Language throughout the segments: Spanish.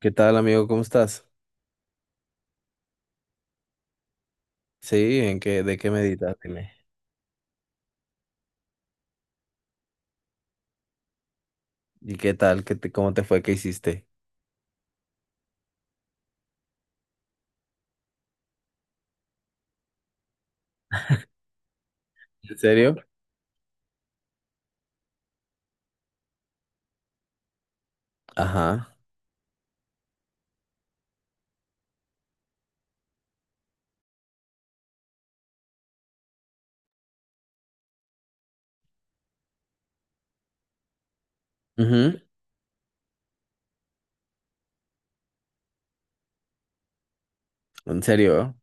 ¿Qué tal, amigo? ¿Cómo estás? Sí, ¿ de qué meditas? Dime. ¿Y qué tal? ¿Cómo te fue? ¿Qué hiciste? ¿En serio? Ajá. Ujú. ¿En serio?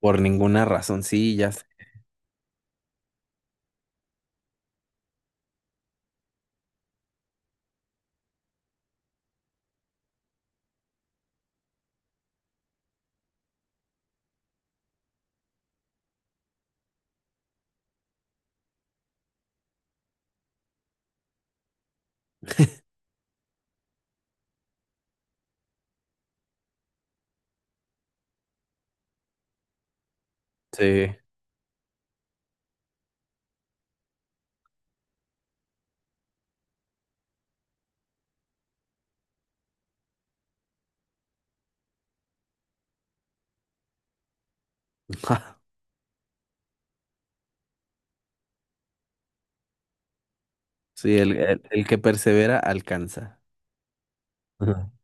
Por ninguna razón, sí, ya sé. Sí. Sí, el que persevera alcanza. Ujú.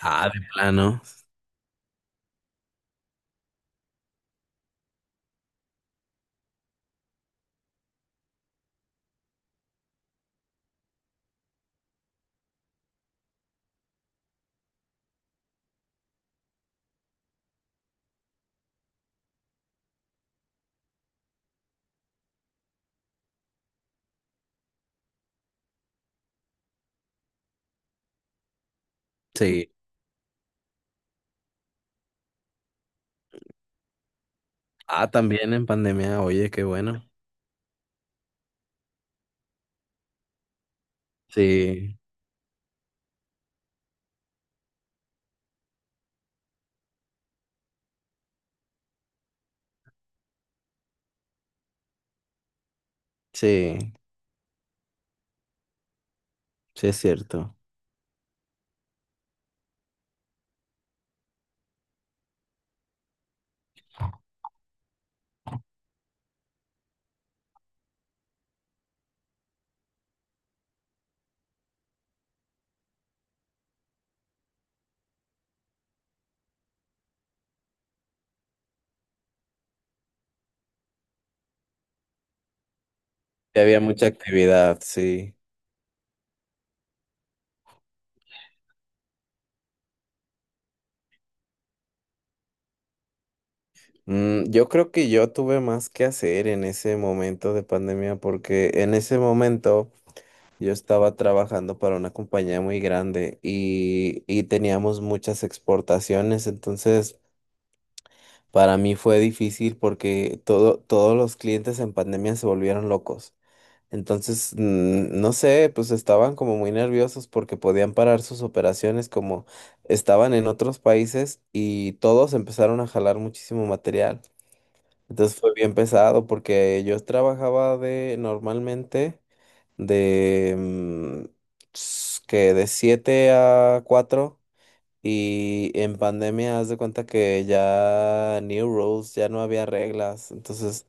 Ah, de plano. Sí. Ah, también en pandemia, oye, qué bueno. Sí, sí, sí es cierto. Sí, había mucha actividad, sí. Yo creo que yo tuve más que hacer en ese momento de pandemia porque en ese momento yo estaba trabajando para una compañía muy grande y teníamos muchas exportaciones. Entonces, para mí fue difícil porque todos los clientes en pandemia se volvieron locos. Entonces, no sé, pues estaban como muy nerviosos porque podían parar sus operaciones como estaban en otros países y todos empezaron a jalar muchísimo material. Entonces fue bien pesado porque yo trabajaba de normalmente de que de 7 a 4, y en pandemia haz de cuenta que ya new rules, ya no había reglas. Entonces,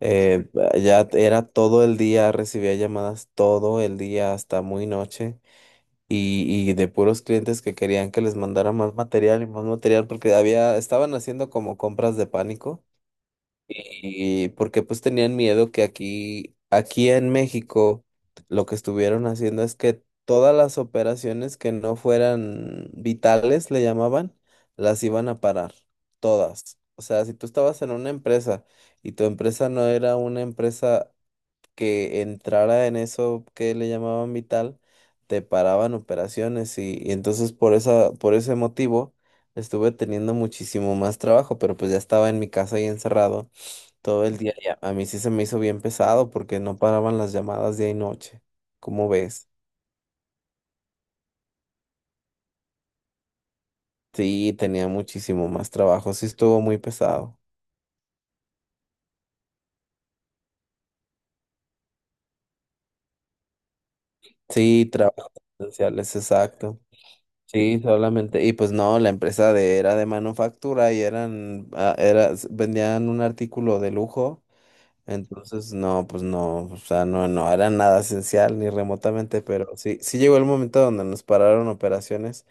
era todo el día, recibía llamadas todo el día hasta muy noche, y de puros clientes que querían que les mandara más material y más material porque había estaban haciendo como compras de pánico. Y porque pues tenían miedo que aquí en México lo que estuvieron haciendo es que todas las operaciones que no fueran vitales, le llamaban, las iban a parar, todas. O sea, si tú estabas en una empresa y tu empresa no era una empresa que entrara en eso que le llamaban vital, te paraban operaciones, y entonces por ese motivo estuve teniendo muchísimo más trabajo, pero pues ya estaba en mi casa y encerrado todo el día ya. A mí sí se me hizo bien pesado porque no paraban las llamadas día y noche. ¿Cómo ves? Sí, tenía muchísimo más trabajo. Sí, estuvo muy pesado. Sí, trabajos esenciales, exacto. Sí, solamente. Y pues no, era de manufactura y eran, ah, era, s- vendían un artículo de lujo. Entonces, no, pues no, o sea, no, no era nada esencial ni remotamente, pero sí, sí llegó el momento donde nos pararon operaciones.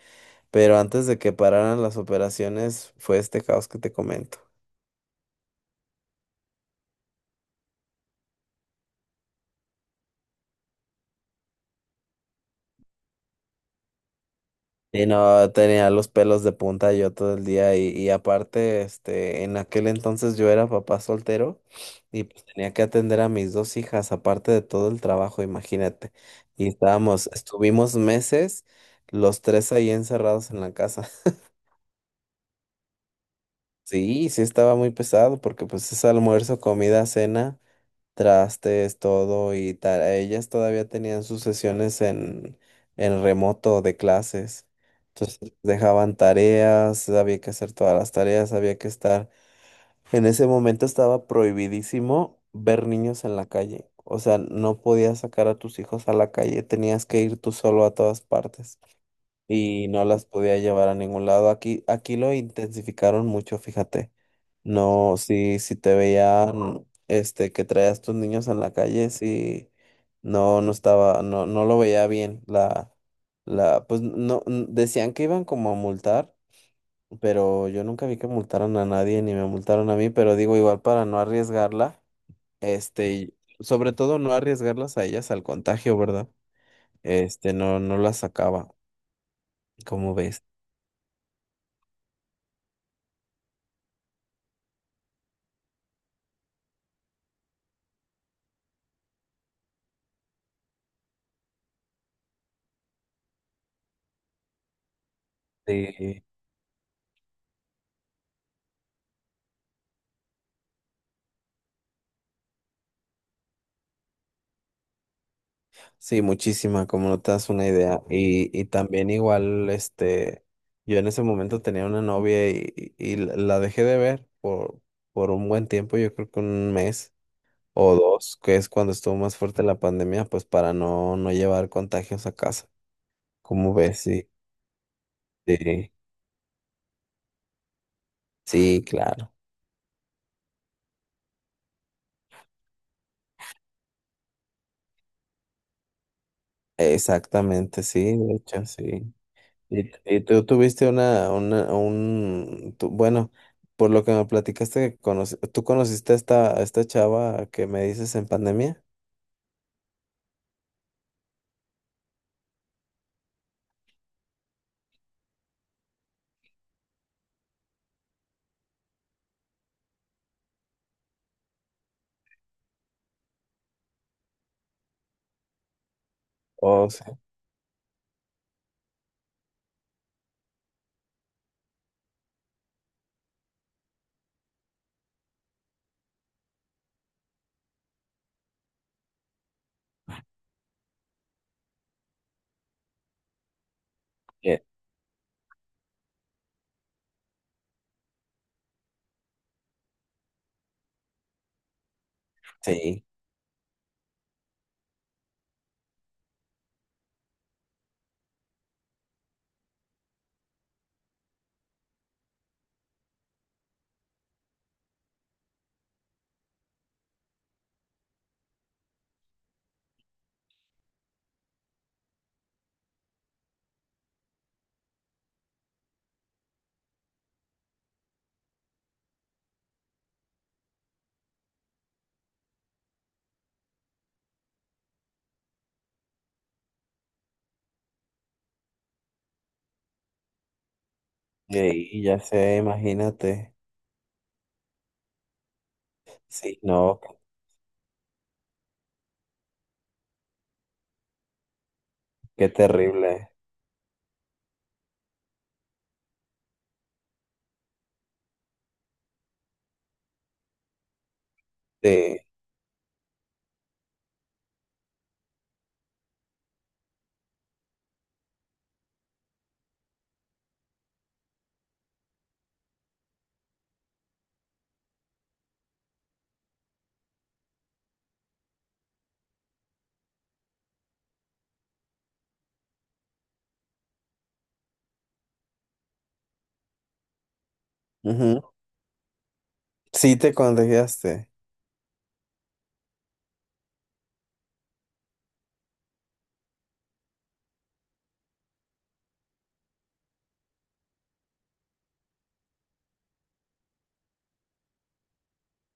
Pero antes de que pararan las operaciones, fue este caos que te comento. Y no, tenía los pelos de punta yo todo el día, y aparte, este, en aquel entonces yo era papá soltero y pues tenía que atender a mis dos hijas, aparte de todo el trabajo, imagínate. Y estuvimos meses los tres ahí encerrados en la casa. Sí, sí estaba muy pesado porque pues es almuerzo, comida, cena, trastes, todo y tal. Ellas todavía tenían sus sesiones en remoto de clases. Entonces dejaban tareas, había que hacer todas las tareas, había que estar. En ese momento estaba prohibidísimo ver niños en la calle. O sea, no podías sacar a tus hijos a la calle, tenías que ir tú solo a todas partes y no las podía llevar a ningún lado. Aquí lo intensificaron mucho, fíjate. No, si te veían, este, que traías tus niños en la calle, sí, no, no estaba, no, no lo veía bien. Pues no, decían que iban como a multar, pero yo nunca vi que multaran a nadie ni me multaron a mí, pero digo, igual para no arriesgarla, este, y sobre todo no arriesgarlas a ellas al contagio, ¿verdad? Este, no, no las sacaba, como ves. Sí. Sí, muchísima, como no te das una idea. Y también igual, este, yo en ese momento tenía una novia y la dejé de ver por un buen tiempo, yo creo que un mes o dos, que es cuando estuvo más fuerte la pandemia, pues para no llevar contagios a casa. ¿Cómo ves? Sí, sí, sí, claro. Exactamente, sí, de hecho, sí. Y tú tuviste bueno, por lo que me platicaste, ¿tú conociste a esta, chava que me dices en pandemia? O sea, que- sí, y ya sé, imagínate. Sí, no, qué terrible. Sí, ujú. Sí te contagiaste.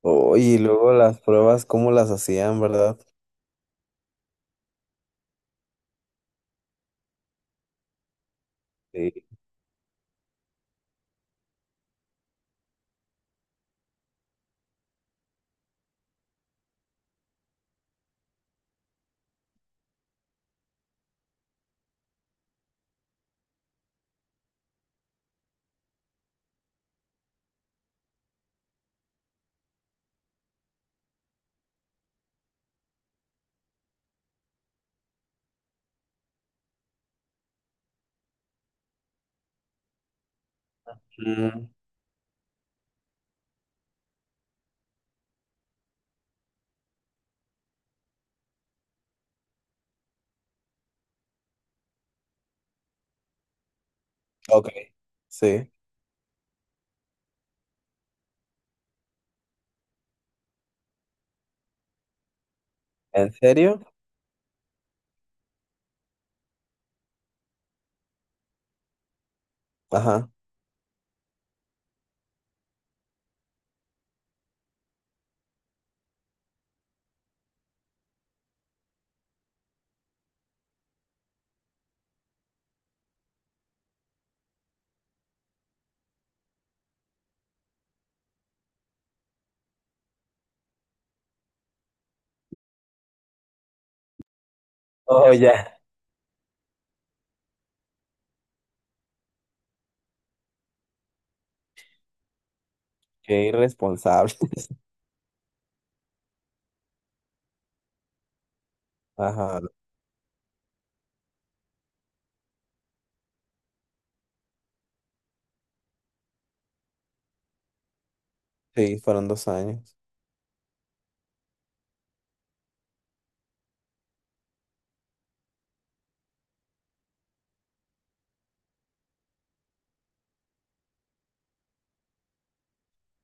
Oh, y luego las pruebas, ¿cómo las hacían, verdad? Sí. Mm, ok, sí. ¿En serio? Ajá. Oh, ya. Qué irresponsable. Ajá. Sí, fueron 2 años.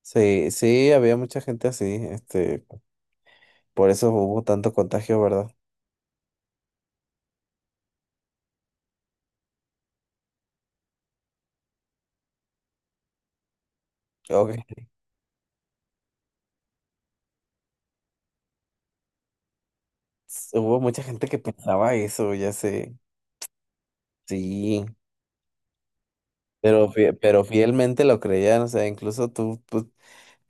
Sí, sí, había mucha gente así, este, por eso hubo tanto contagio, ¿verdad? Ok, hubo mucha gente que pensaba eso, ya sé, sí, pero fielmente lo creían, o sea, incluso tú, pues,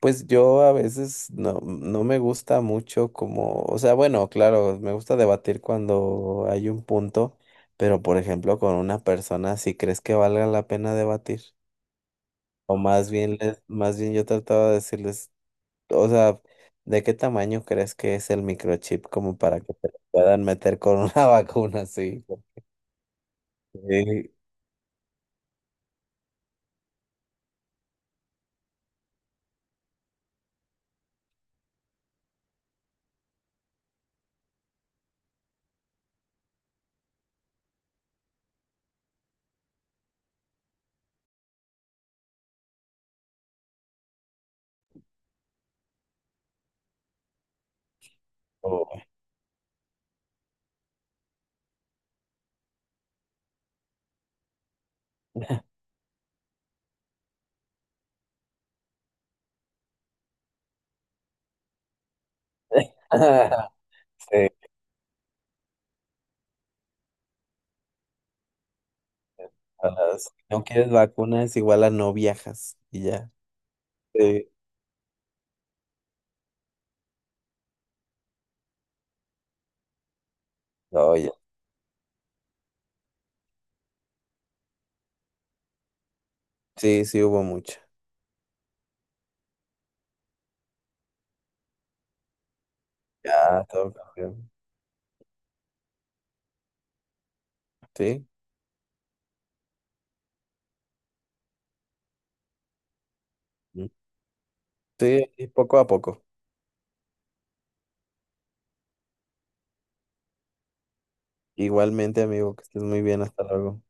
pues yo a veces no me gusta mucho como, o sea, bueno, claro, me gusta debatir cuando hay un punto, pero por ejemplo con una persona, ¿si crees que valga la pena debatir? O más bien yo trataba de decirles. O sea, ¿de qué tamaño crees que es el microchip como para que te lo puedan meter con una vacuna así? Sí. o- Sí, o sea, si no quieres vacunas, igual a no viajas y ya. Sí. Oye, sí, sí hubo mucho. Ya, todo cambió. Sí, mm, sí, y poco a poco. Igualmente, amigo, que estés muy bien, hasta luego.